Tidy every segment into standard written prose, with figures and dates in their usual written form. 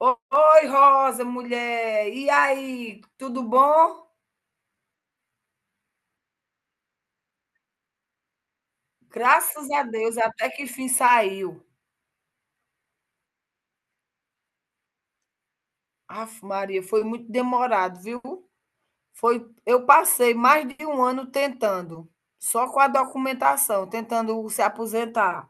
Oi, Rosa, mulher. E aí, tudo bom? Graças a Deus, até que fim saiu. Aff, Maria, foi muito demorado, viu? Foi, eu passei mais de um ano tentando, só com a documentação, tentando se aposentar.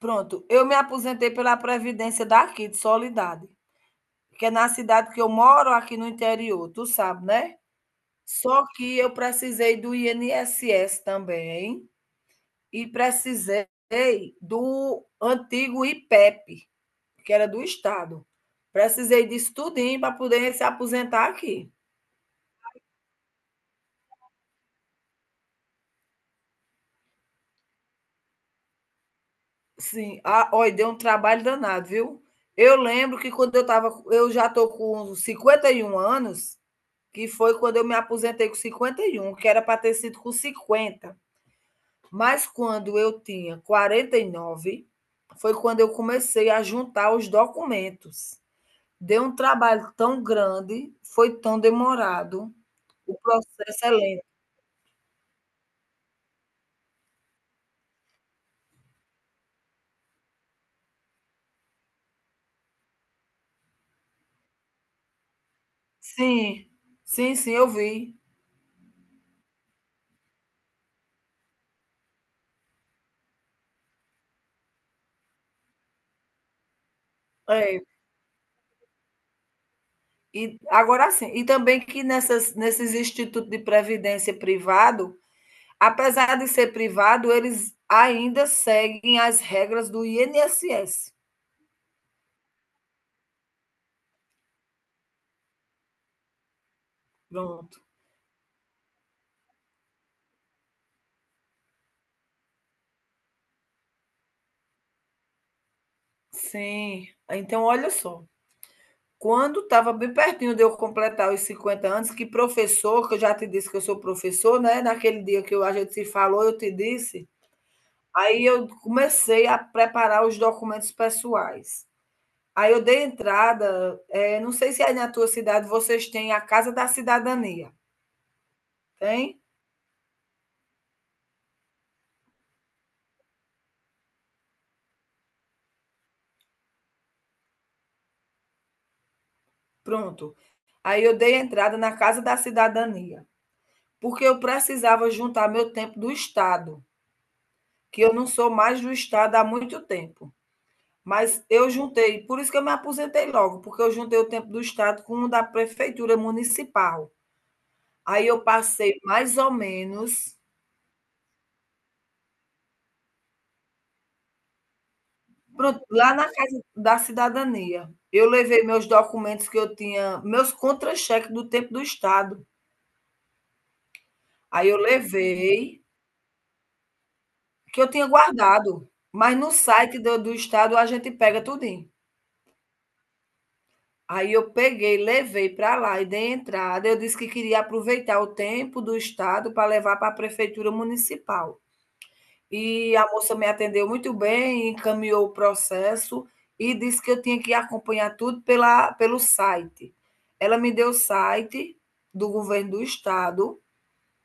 Pronto, eu me aposentei pela Previdência daqui, de Solidade, que é na cidade que eu moro, aqui no interior, tu sabe, né? Só que eu precisei do INSS também, e precisei do antigo IPEP, que era do Estado. Precisei disso tudinho para poder se aposentar aqui. Sim, ah, olha, deu um trabalho danado, viu? Eu lembro que quando eu já estou com 51 anos, que foi quando eu me aposentei com 51, que era para ter sido com 50. Mas quando eu tinha 49, foi quando eu comecei a juntar os documentos. Deu um trabalho tão grande, foi tão demorado, o processo é lento. Sim, sim, sim, eu vi. É, e agora sim, e também que nessas nesses institutos de previdência privado, apesar de ser privado, eles ainda seguem as regras do INSS. Pronto. Sim. Então, olha só, quando estava bem pertinho de eu completar os 50 anos, que professor, que eu já te disse que eu sou professor, né? Naquele dia que eu, a gente se falou, eu te disse. Aí eu comecei a preparar os documentos pessoais. Aí eu dei entrada, não sei se aí na tua cidade vocês têm a Casa da Cidadania, tem? Pronto. Aí eu dei entrada na Casa da Cidadania, porque eu precisava juntar meu tempo do Estado, que eu não sou mais do Estado há muito tempo. Mas eu juntei, por isso que eu me aposentei logo, porque eu juntei o tempo do Estado com o da prefeitura municipal. Aí eu passei mais ou menos. Pronto, lá na Casa da Cidadania, eu levei meus documentos que eu tinha, meus contra-cheques do tempo do Estado. Aí eu levei, que eu tinha guardado, mas no site do Estado a gente pega tudinho. Aí eu peguei, levei para lá e dei entrada. Eu disse que queria aproveitar o tempo do Estado para levar para a prefeitura municipal. E a moça me atendeu muito bem, encaminhou o processo e disse que eu tinha que acompanhar tudo pela pelo site. Ela me deu o site do governo do estado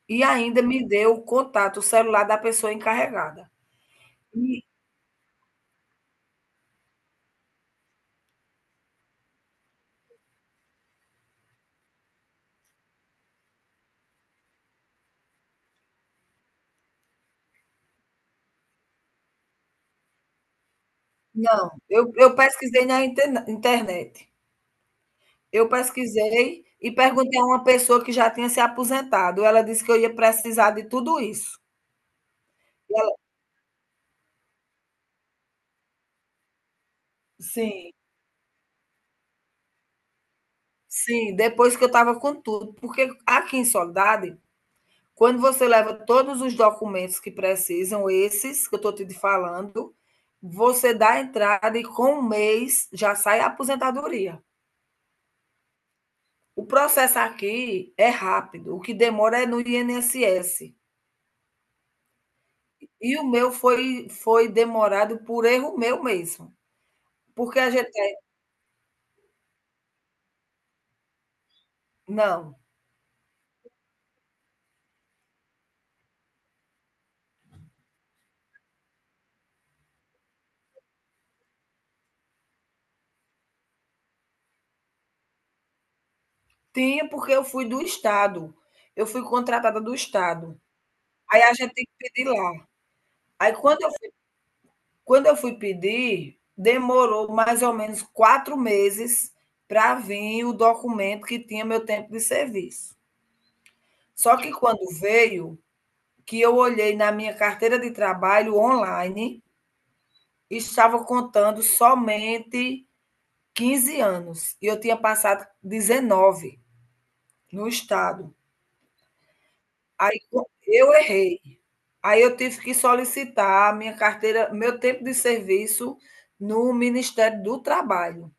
e ainda me deu o contato, o celular da pessoa encarregada. E não, eu pesquisei na interna internet. Eu pesquisei e perguntei a uma pessoa que já tinha se aposentado, ela disse que eu ia precisar de tudo isso. E ela sim, sim, depois que eu estava com tudo, porque aqui em Soledade, quando você leva todos os documentos que precisam, esses que eu estou te falando, você dá a entrada e com um mês já sai a aposentadoria. O processo aqui é rápido, o que demora é no INSS. E o meu foi demorado por erro meu mesmo. Porque a gente. Não, tinha porque eu fui do Estado. Eu fui contratada do Estado. Aí a gente tem que pedir lá. Aí quando eu Quando eu fui pedir, demorou mais ou menos 4 meses para vir o documento que tinha meu tempo de serviço. Só que quando veio, que eu olhei na minha carteira de trabalho online, estava contando somente 15 anos e eu tinha passado 19 no estado. Aí eu errei. Aí eu tive que solicitar a minha carteira, meu tempo de serviço no Ministério do Trabalho.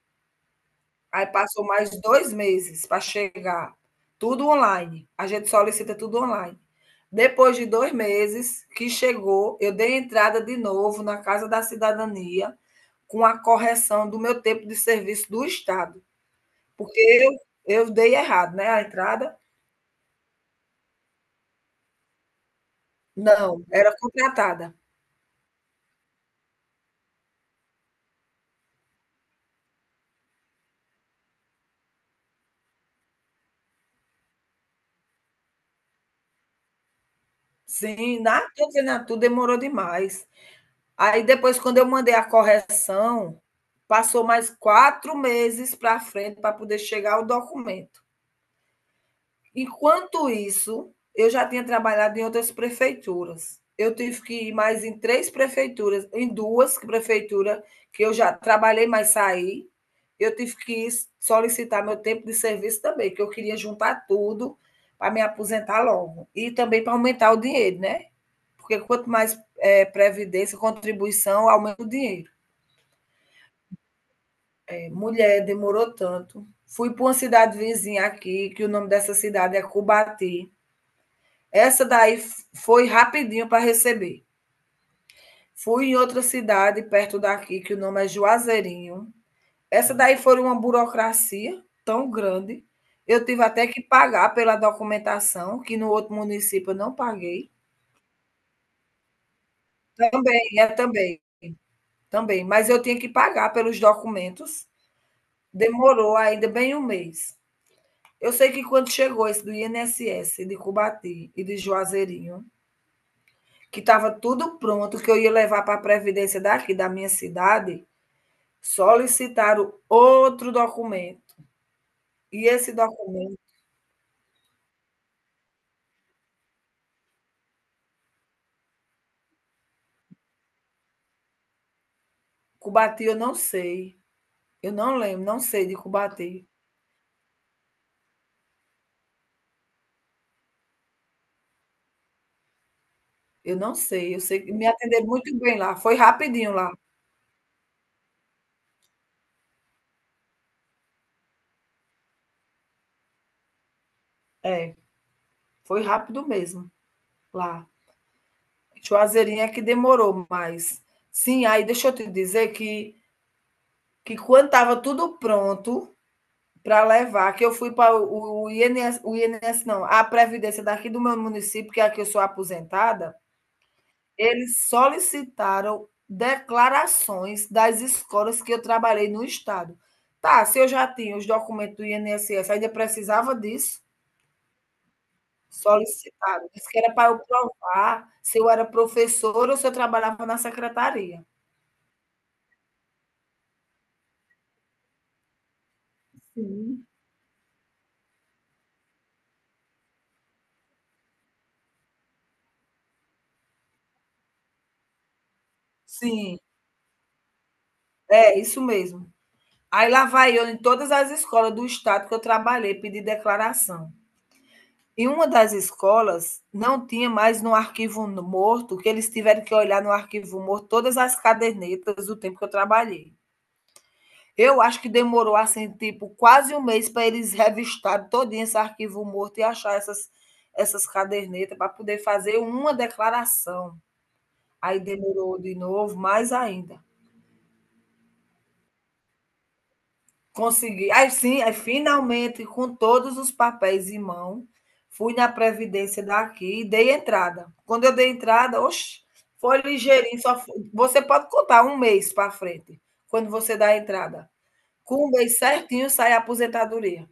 Aí passou mais 2 meses para chegar, tudo online. A gente solicita tudo online. Depois de 2 meses que chegou, eu dei entrada de novo na Casa da Cidadania com a correção do meu tempo de serviço do Estado, porque eu dei errado, né? A entrada, não, era contratada. Sim, na candidatura demorou demais. Aí depois, quando eu mandei a correção, passou mais 4 meses para frente para poder chegar o documento. Enquanto isso, eu já tinha trabalhado em outras prefeituras. Eu tive que ir mais em 3 prefeituras, em 2 prefeituras que eu já trabalhei, mas saí. Eu tive que solicitar meu tempo de serviço também, que eu queria juntar tudo para me aposentar logo. E também para aumentar o dinheiro, né? Porque quanto mais é, previdência, contribuição, aumenta o dinheiro. É, mulher, demorou tanto. Fui para uma cidade vizinha aqui, que o nome dessa cidade é Cubati. Essa daí foi rapidinho para receber. Fui em outra cidade perto daqui, que o nome é Juazeirinho. Essa daí foi uma burocracia tão grande. Eu tive até que pagar pela documentação, que no outro município eu não paguei. Também, é também, também. Mas eu tinha que pagar pelos documentos. Demorou ainda bem um mês. Eu sei que quando chegou esse do INSS, de Cubati e de Juazeirinho, que estava tudo pronto, que eu ia levar para a Previdência daqui, da minha cidade, solicitaram outro documento. E esse documento, Cubati, eu não sei. Eu não lembro, não sei de Cubati. Eu não sei. Eu sei que me atenderam muito bem lá. Foi rapidinho lá. É, foi rápido mesmo lá. Juazeirinha é que demorou mais. Sim, aí deixa eu te dizer que quando estava tudo pronto para levar, que eu fui para o INS, o INS, não, a Previdência daqui do meu município, que é aqui eu sou aposentada. Eles solicitaram declarações das escolas que eu trabalhei no estado. Tá, se eu já tinha os documentos do INSS, ainda precisava disso? Solicitaram. Disse que era para eu provar se eu era professora ou se eu trabalhava na secretaria. Sim. Sim, é isso mesmo. Aí lá vai eu em todas as escolas do estado que eu trabalhei, pedir declaração. E uma das escolas não tinha mais no arquivo morto, que eles tiveram que olhar no arquivo morto todas as cadernetas do tempo que eu trabalhei. Eu acho que demorou assim, tipo, quase um mês para eles revistarem todo esse arquivo morto e achar essas cadernetas para poder fazer uma declaração. Aí demorou de novo, mais ainda. Consegui. Aí sim, aí finalmente, com todos os papéis em mão, fui na Previdência daqui e dei entrada. Quando eu dei entrada, oxe, foi ligeirinho. Só foi- Você pode contar um mês para frente, quando você dá a entrada. Com um mês certinho sai a aposentadoria.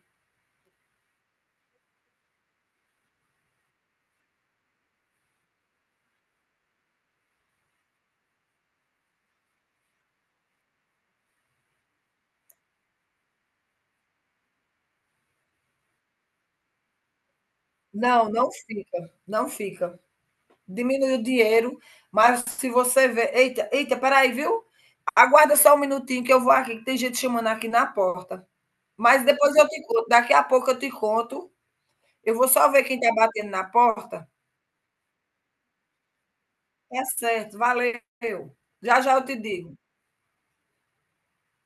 Não, não fica, não fica. Diminui o dinheiro, mas se você vê. Eita, eita, peraí, viu? Aguarda só um minutinho que eu vou aqui, que tem gente chamando aqui na porta. Mas depois eu te conto, daqui a pouco eu te conto. Eu vou só ver quem está batendo na porta. É certo, valeu. Já já eu te digo.